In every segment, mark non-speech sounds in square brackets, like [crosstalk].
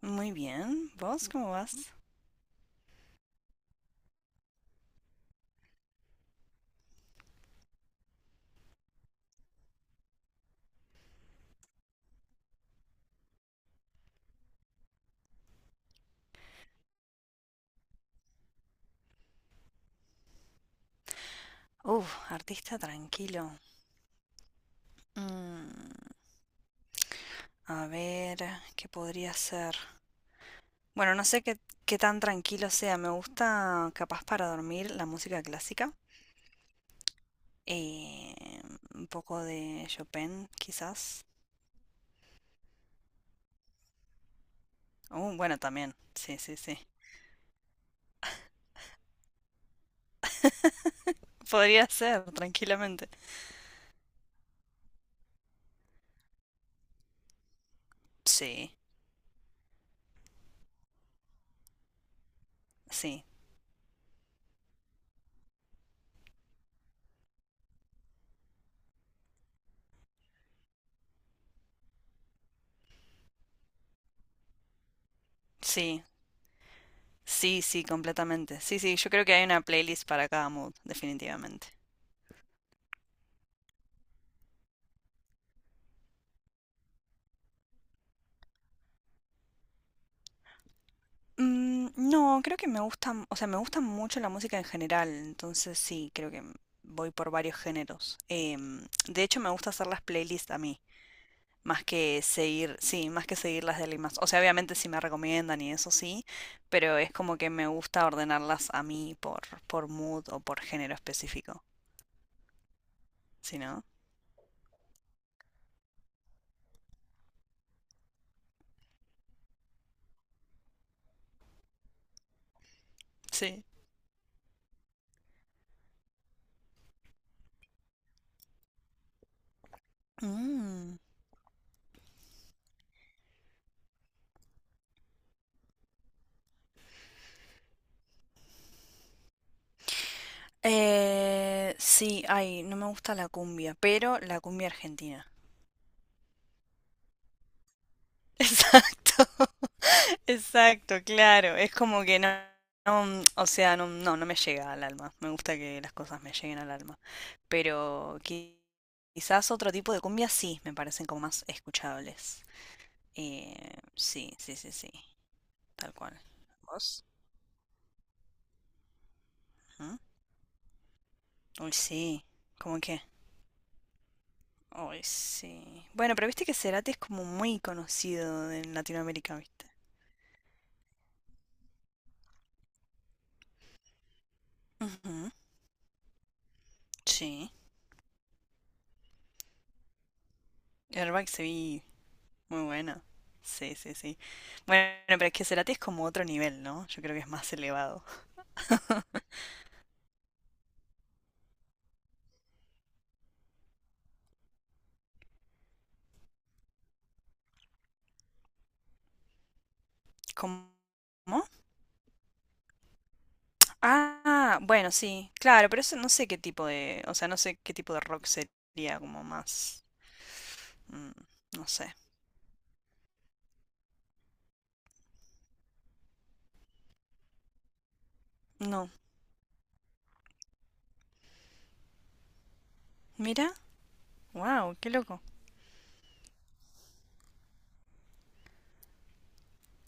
Muy bien. ¿Vos cómo vas? Uf, artista tranquilo. Mm, a ver, ¿qué podría ser? Bueno, no sé qué tan tranquilo sea. Me gusta, capaz para dormir, la música clásica. Eh, un poco de Chopin, quizás. Bueno, también. Sí, sí, sí. Podría ser, tranquilamente. Sí, sí, sí, sí, sí, completamente. Sí, sí, yo creo que hay una playlist para cada mood, definitivamente. No, creo que me gustan, o sea, me gusta mucho la música en general, entonces sí, creo que voy por varios géneros. De hecho, me gusta hacer las playlists a mí, más que seguir, sí, más que seguir las de alguien más. O sea, obviamente si me recomiendan y eso sí, pero es como que me gusta ordenarlas a mí por mood o por género específico, ¿si no? Sí. Mm. Sí, ay, no me gusta la cumbia, pero la cumbia argentina. Exacto, [laughs] exacto, claro. Es como que no, no, o sea, no, no, no me llega al alma. Me gusta que las cosas me lleguen al alma. Pero qui- quizás otro tipo de cumbia sí, me parecen como más escuchables. Eh, sí, sí, sí, sí, tal cual. ¿Vos? Ujú. Uy, sí. ¿Cómo qué? Uy, sí. Bueno, pero viste que Cerati es como muy conocido en Latinoamérica, ¿viste? Ujú. Sí. ¿Airbag se vi? Muy bueno. Sí, sí, sí. Bueno, pero es que Cerati es como otro nivel, ¿no? Yo creo que es más elevado. ¿Cómo? Ah, bueno, sí. Claro, pero eso no sé qué tipo de, o sea, no sé qué tipo de rock sería como más, mm, no sé. No. Mira, wow, qué loco.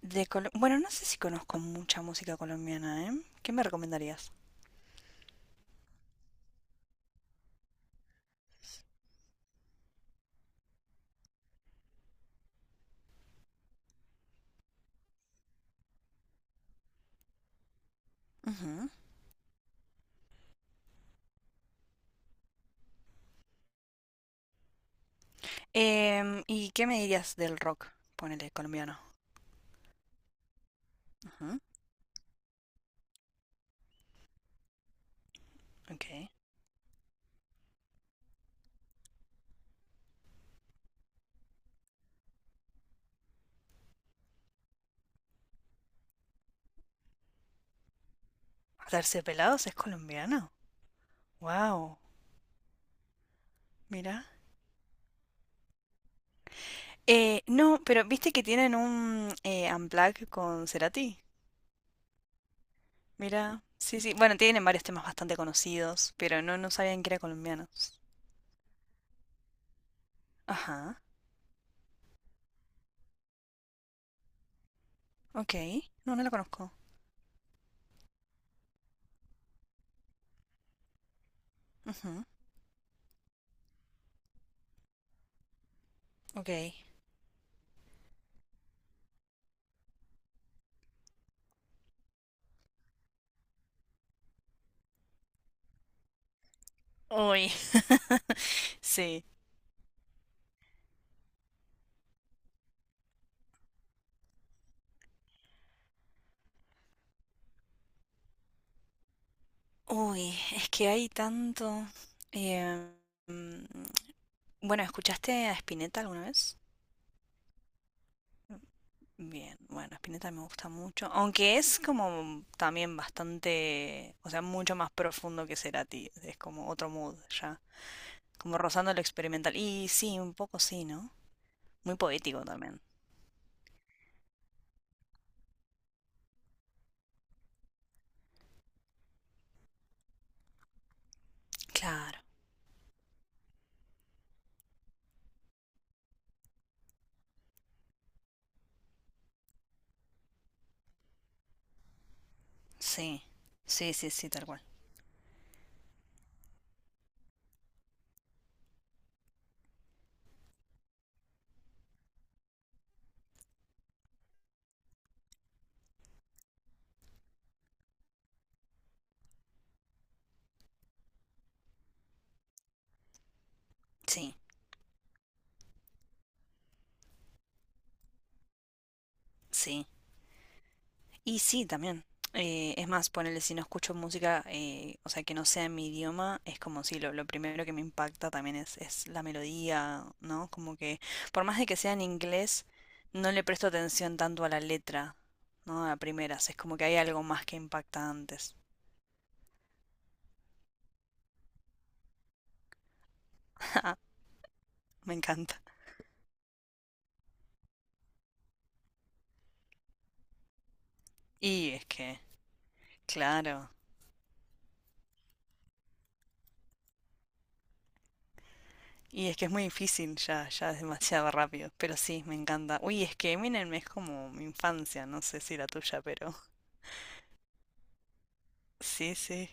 Bueno, no sé si conozco mucha música colombiana, ¿eh? ¿Qué me recomendarías? Ujú. ¿Y qué me dirías del rock? Ponele colombiano. Ujú. Ok. Terciopelados es colombiano. Wow. Mira. No, pero viste que tienen un Unplugged con Cerati. Mira. Sí, sí. Bueno, tienen varios temas bastante conocidos, pero no, no sabían que eran colombianos. Ajá. Ok. No, no la conozco. Ujú. Ok. Uy. Sí. Uy, es que hay tanto. Eh, mm, bueno, ¿escuchaste a Spinetta alguna vez? Bien, bueno, Spinetta me gusta mucho, aunque es como también bastante, o sea, mucho más profundo que Cerati, es como otro mood ya, como rozando lo experimental. Y sí, un poco sí, ¿no? Muy poético también. Claro, sí, sí, sí, sí, tal cual. Sí, sí. Y sí, también. Es más, ponele, si no escucho música, o sea, que no sea en mi idioma, es como si lo primero que me impacta también es la melodía, ¿no? Como que, por más de que sea en inglés, no le presto atención tanto a la letra, ¿no? A primeras, es como que hay algo más que impacta antes. [laughs] Me encanta. Y es que, claro. Y es que es muy difícil, ya, ya es demasiado rápido. Pero sí, me encanta. Uy, es que Eminem es como mi infancia, no sé si la tuya, pero [laughs] sí, sí.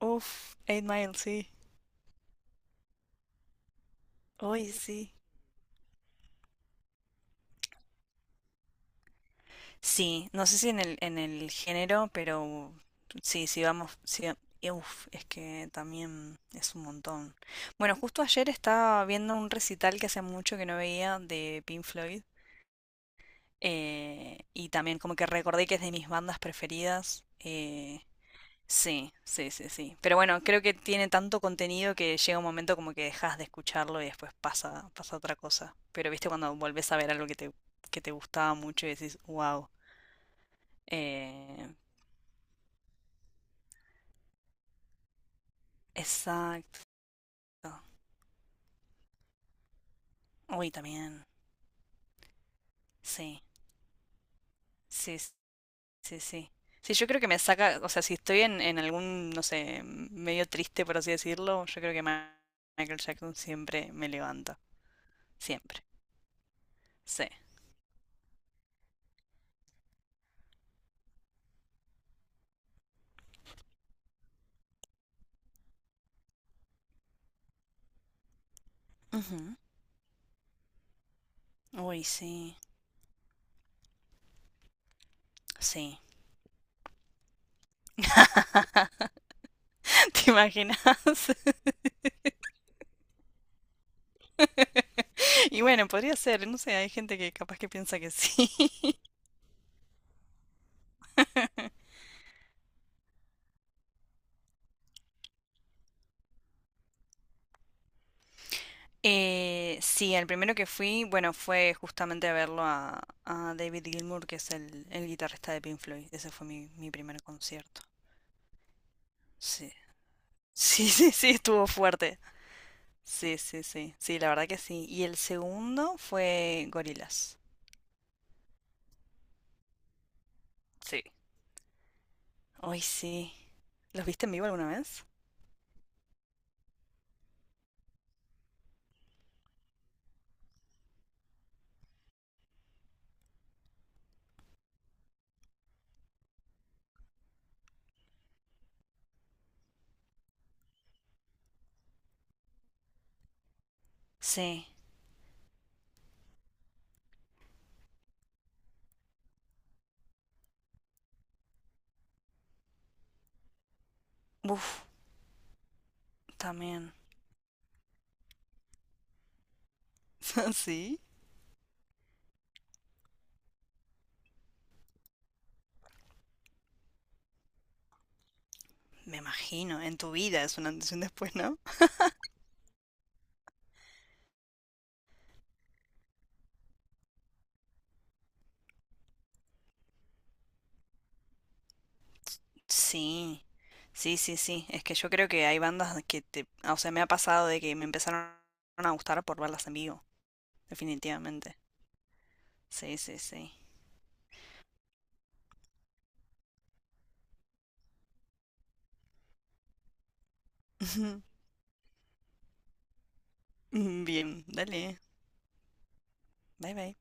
Uf, Eight Mile, sí. Uy, sí. Sí, no sé si en el género, pero sí, sí vamos, sí, y uf, es que también es un montón. Bueno, justo ayer estaba viendo un recital que hace mucho que no veía de Pink Floyd, y también como que recordé que es de mis bandas preferidas. Sí, sí, sí, sí. Pero bueno, creo que tiene tanto contenido que llega un momento como que dejas de escucharlo y después pasa, pasa otra cosa. Pero viste cuando volvés a ver algo que te gustaba mucho y decís, wow. Eh, exacto. Uy, también. Sí, sí, sí, sí. Sí, yo creo que me saca, o sea, si estoy en algún, no sé, medio triste, por así decirlo, yo creo que Michael Jackson siempre me levanta. Siempre. Sí. Ujú. Uy, sí. Sí. [laughs] ¿Te imaginas? [laughs] Y bueno, podría ser, no sé, hay gente que capaz que piensa que sí. [laughs] Sí, el primero que fui, bueno, fue justamente a verlo a David Gilmour, que es el guitarrista de Pink Floyd. Ese fue mi primer concierto. Sí. [laughs] Sí, sí, sí, estuvo fuerte. Sí, sí, sí. Sí, la verdad que sí. Y el segundo fue Gorillaz. Sí. Ay, sí. ¿Los viste en vivo alguna vez? Sí. Uf, también. [laughs] ¿Sí? Me imagino, en tu vida es un antes y un después, ¿no? Sí, sí, sí, sí. Es que yo creo que hay bandas que te... O sea, me ha pasado de que me empezaron a gustar por verlas en vivo, definitivamente. Sí, sí, sí. [laughs] Bien, dale. Bye, bye.